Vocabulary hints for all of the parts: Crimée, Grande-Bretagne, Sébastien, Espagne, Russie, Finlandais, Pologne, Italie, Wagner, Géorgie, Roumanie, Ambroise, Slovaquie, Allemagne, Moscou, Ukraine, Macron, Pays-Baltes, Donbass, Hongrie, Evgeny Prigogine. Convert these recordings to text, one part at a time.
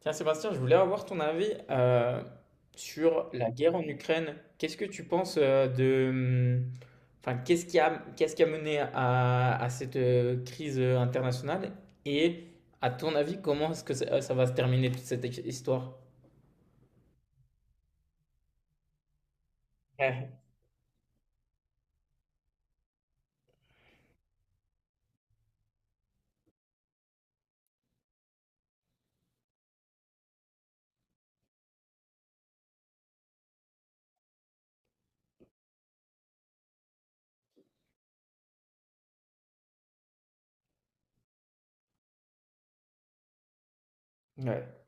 Tiens, Sébastien, je voulais avoir ton avis sur la guerre en Ukraine. Qu'est-ce que tu penses ? Enfin, qu'est-ce qui a mené à cette crise internationale? Et à ton avis, comment est-ce que ça va se terminer toute cette histoire? Ouais. Ouais.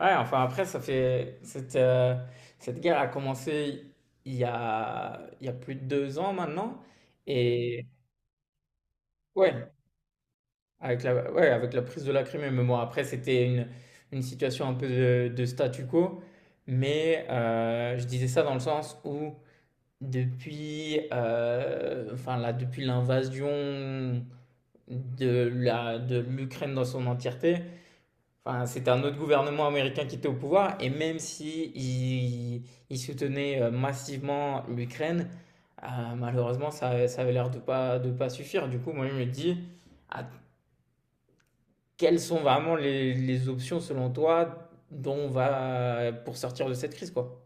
Ouais, enfin après, ça fait... Cette guerre a commencé il y a plus de 2 ans maintenant. Et... Ouais. Avec la ouais, avec la prise de la Crimée, mais bon, après, c'était une situation un peu de statu quo, mais je disais ça dans le sens où depuis, enfin, là, depuis l'invasion de l'Ukraine dans son entièreté. Enfin, c'était un autre gouvernement américain qui était au pouvoir, et même si il soutenait, massivement l'Ukraine, heu, malheureusement, ça avait l'air de pas suffire. Du coup, moi, je me dis: «Att» Quelles sont vraiment les options selon toi dont on va pour sortir de cette crise, quoi?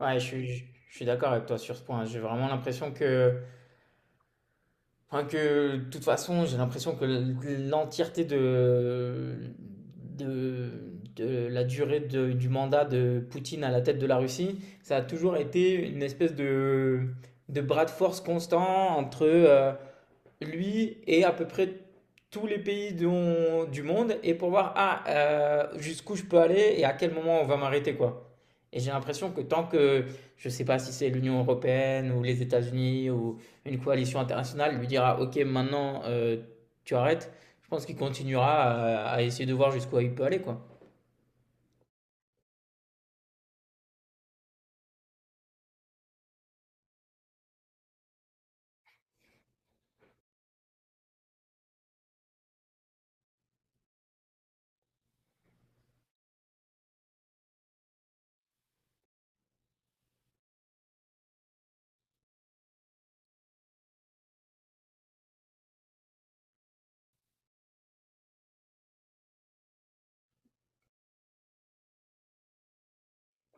Ouais, je suis d'accord avec toi sur ce point. J'ai vraiment l'impression que, enfin, que de toute façon, j'ai l'impression que l'entièreté de, de la durée du mandat de Poutine à la tête de la Russie, ça a toujours été une espèce de bras de force constant entre lui et à peu près tous les pays du monde, et pour voir ah, jusqu'où je peux aller et à quel moment on va m'arrêter, quoi. Et j'ai l'impression que tant que, je ne sais pas si c'est l'Union européenne ou les États-Unis ou une coalition internationale, lui dira OK, maintenant tu arrêtes, je pense qu'il continuera à essayer de voir jusqu'où il peut aller, quoi.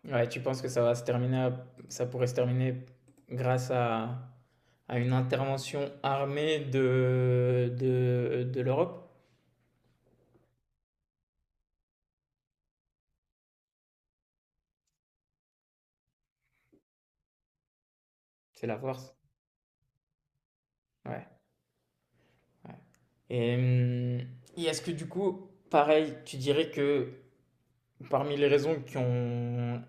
Ouais, tu penses que ça va se terminer, ça pourrait se terminer grâce à une intervention armée de l'Europe? C'est la force. Ouais, ouais. Et, hum, et est-ce que du coup, pareil, tu dirais que parmi les raisons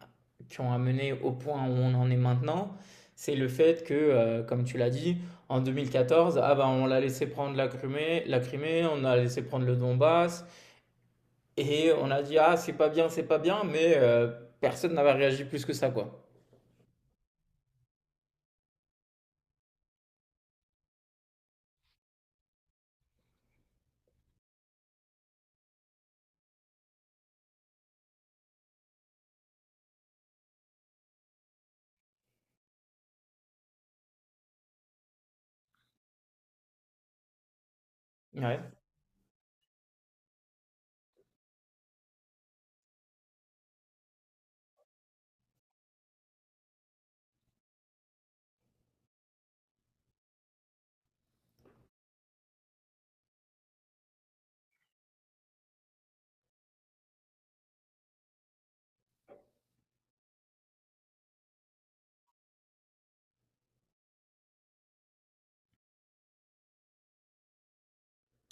qui ont amené au point où on en est maintenant, c'est le fait que, comme tu l'as dit, en 2014, ah bah, on l'a laissé prendre la Crimée, on a laissé prendre le Donbass, et on a dit, ah, c'est pas bien, mais personne n'avait réagi plus que ça, quoi. Ouais.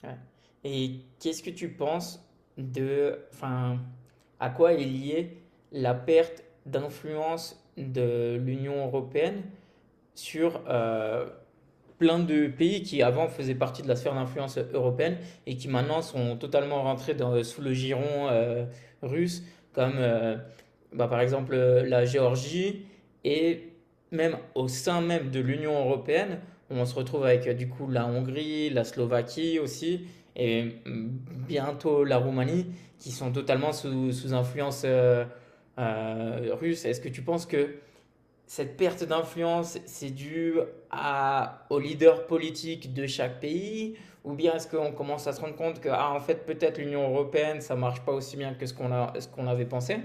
Ouais. Et qu'est-ce que tu penses de, enfin, à quoi est liée la perte d'influence de l'Union européenne sur plein de pays qui avant faisaient partie de la sphère d'influence européenne et qui maintenant sont totalement rentrés dans, sous le giron russe, comme bah, par exemple la Géorgie, et même au sein même de l'Union européenne, on se retrouve avec du coup la Hongrie, la Slovaquie aussi, et bientôt la Roumanie, qui sont totalement sous, sous influence russe. Est-ce que tu penses que cette perte d'influence, c'est dû aux leaders politiques de chaque pays? Ou bien est-ce qu'on commence à se rendre compte que, ah, en fait, peut-être l'Union européenne, ça ne marche pas aussi bien que ce qu'on avait pensé?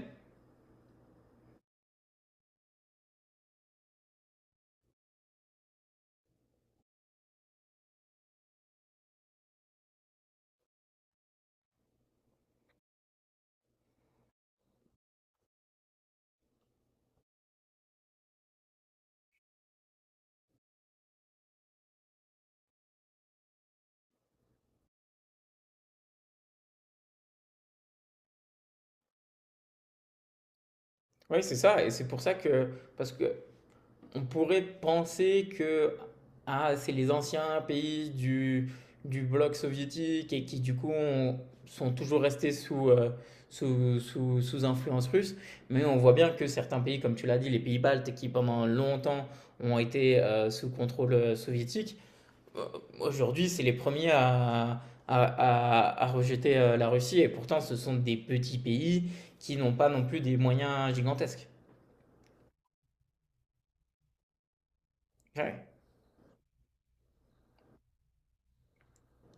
Oui, c'est ça. Et c'est pour ça que, parce que on pourrait penser que ah, c'est les anciens pays du bloc soviétique, et qui du coup sont toujours restés sous, sous influence russe. Mais on voit bien que certains pays, comme tu l'as dit, les pays baltes qui pendant longtemps ont été sous contrôle soviétique, euh, aujourd'hui c'est les premiers à rejeter la Russie. Et pourtant ce sont des petits pays qui n'ont pas non plus des moyens gigantesques. Ouais,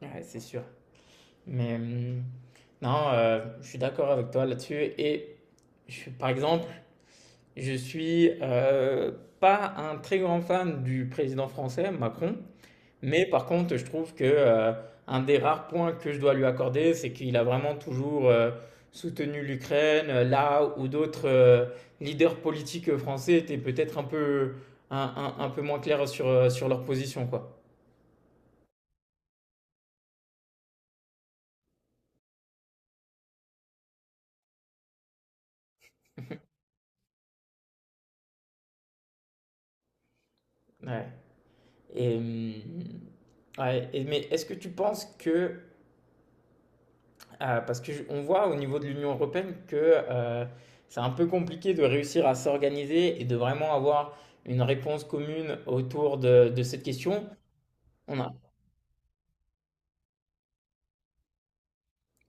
ouais, c'est sûr. Mais... non, je suis d'accord avec toi là-dessus. Et par exemple, je suis pas un très grand fan du président français, Macron. Mais par contre, je trouve que un des rares points que je dois lui accorder, c'est qu'il a vraiment toujours soutenu l'Ukraine, là où d'autres leaders politiques français étaient peut-être un peu, un peu moins clairs sur, sur leur position, quoi. Ouais. Et, ouais. Mais est-ce que tu penses que… parce qu'on voit au niveau de l'Union européenne que euh, c'est un peu compliqué de réussir à s'organiser et de vraiment avoir une réponse commune autour de cette question. On a,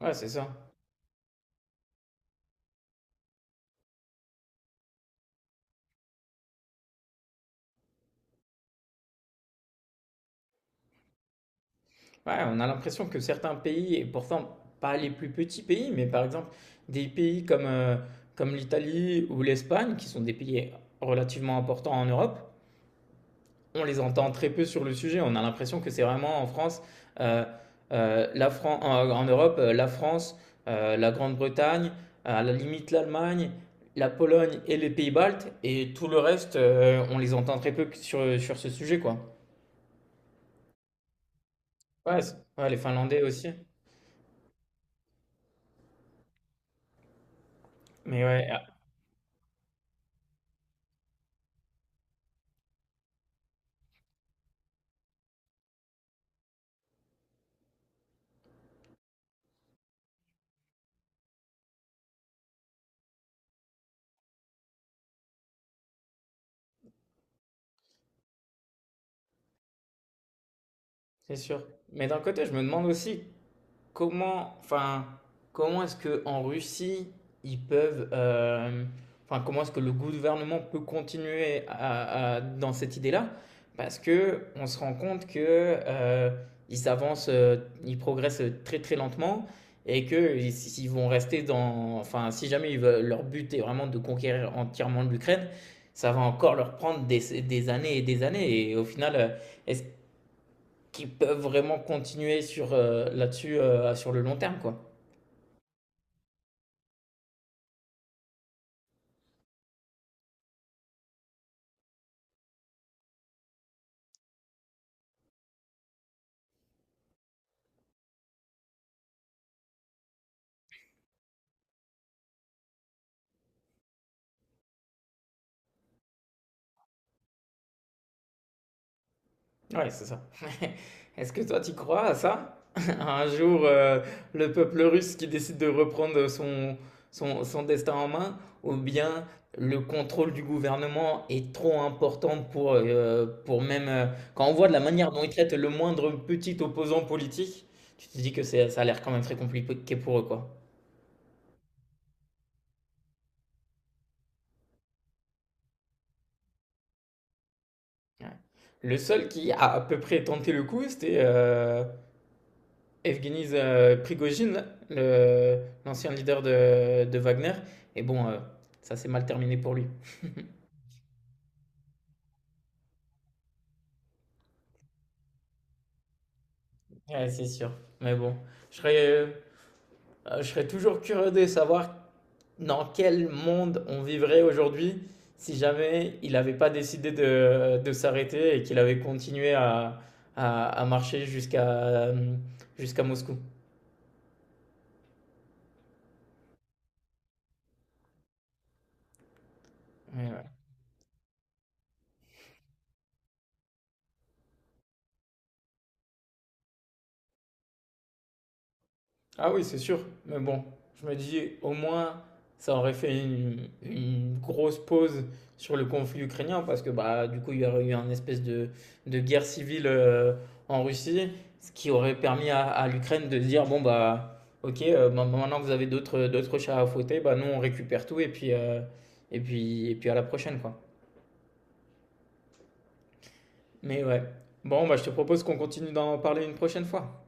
ouais, c'est ça. Ouais, on a l'impression que certains pays, et pourtant pas les plus petits pays, mais par exemple des pays comme, comme l'Italie ou l'Espagne, qui sont des pays relativement importants en Europe, on les entend très peu sur le sujet. On a l'impression que c'est vraiment en France, euh, en Europe, la France, la Grande-Bretagne, à la limite l'Allemagne, la Pologne et les Pays-Baltes, et tout le reste, on les entend très peu sur, sur ce sujet, quoi. Ouais, ouais, les Finlandais aussi. Mais ouais, ah, c'est sûr. Mais d'un côté, je me demande aussi comment, enfin, comment est-ce que en Russie ils peuvent, enfin, comment est-ce que le gouvernement peut continuer dans cette idée-là? Parce que on se rend compte que ils avancent, ils progressent très très lentement, et que s'ils vont rester dans, enfin, si jamais ils leur but est vraiment de conquérir entièrement l'Ukraine, ça va encore leur prendre des années. Et au final, est-ce qui peuvent vraiment continuer sur là-dessus sur le long terme, quoi. Ouais, c'est ça. Est-ce que toi, tu crois à ça? Un jour, le peuple russe qui décide de reprendre son, son, son destin en main, ou bien le contrôle du gouvernement est trop important pour même... quand on voit de la manière dont ils traitent le moindre petit opposant politique, tu te dis que ça a l'air quand même très compliqué pour eux, quoi. Ouais. Le seul qui a à peu près tenté le coup, c'était Evgeny Prigogine, le- l'ancien leader de Wagner. Et bon, ça s'est mal terminé pour lui. Ouais, c'est sûr. Mais bon, je serais, euh, je serais toujours curieux de savoir dans quel monde on vivrait aujourd'hui si jamais il n'avait pas décidé de s'arrêter et qu'il avait continué à marcher jusqu'à Moscou. Ouais, ouais. Ah oui, c'est sûr. Mais bon, je me dis, au moins, ça aurait fait une grosse pause sur le conflit ukrainien, parce que bah, du coup, il y aurait eu une espèce de guerre civile en Russie, ce qui aurait permis à l'Ukraine de dire, bon, bah, ok, bah, bah, maintenant que vous avez d'autres, d'autres chats à fouetter, bah, nous, on récupère tout, et puis, et puis à la prochaine, quoi. Mais ouais. Bon, bah, je te propose qu'on continue d'en parler une prochaine fois.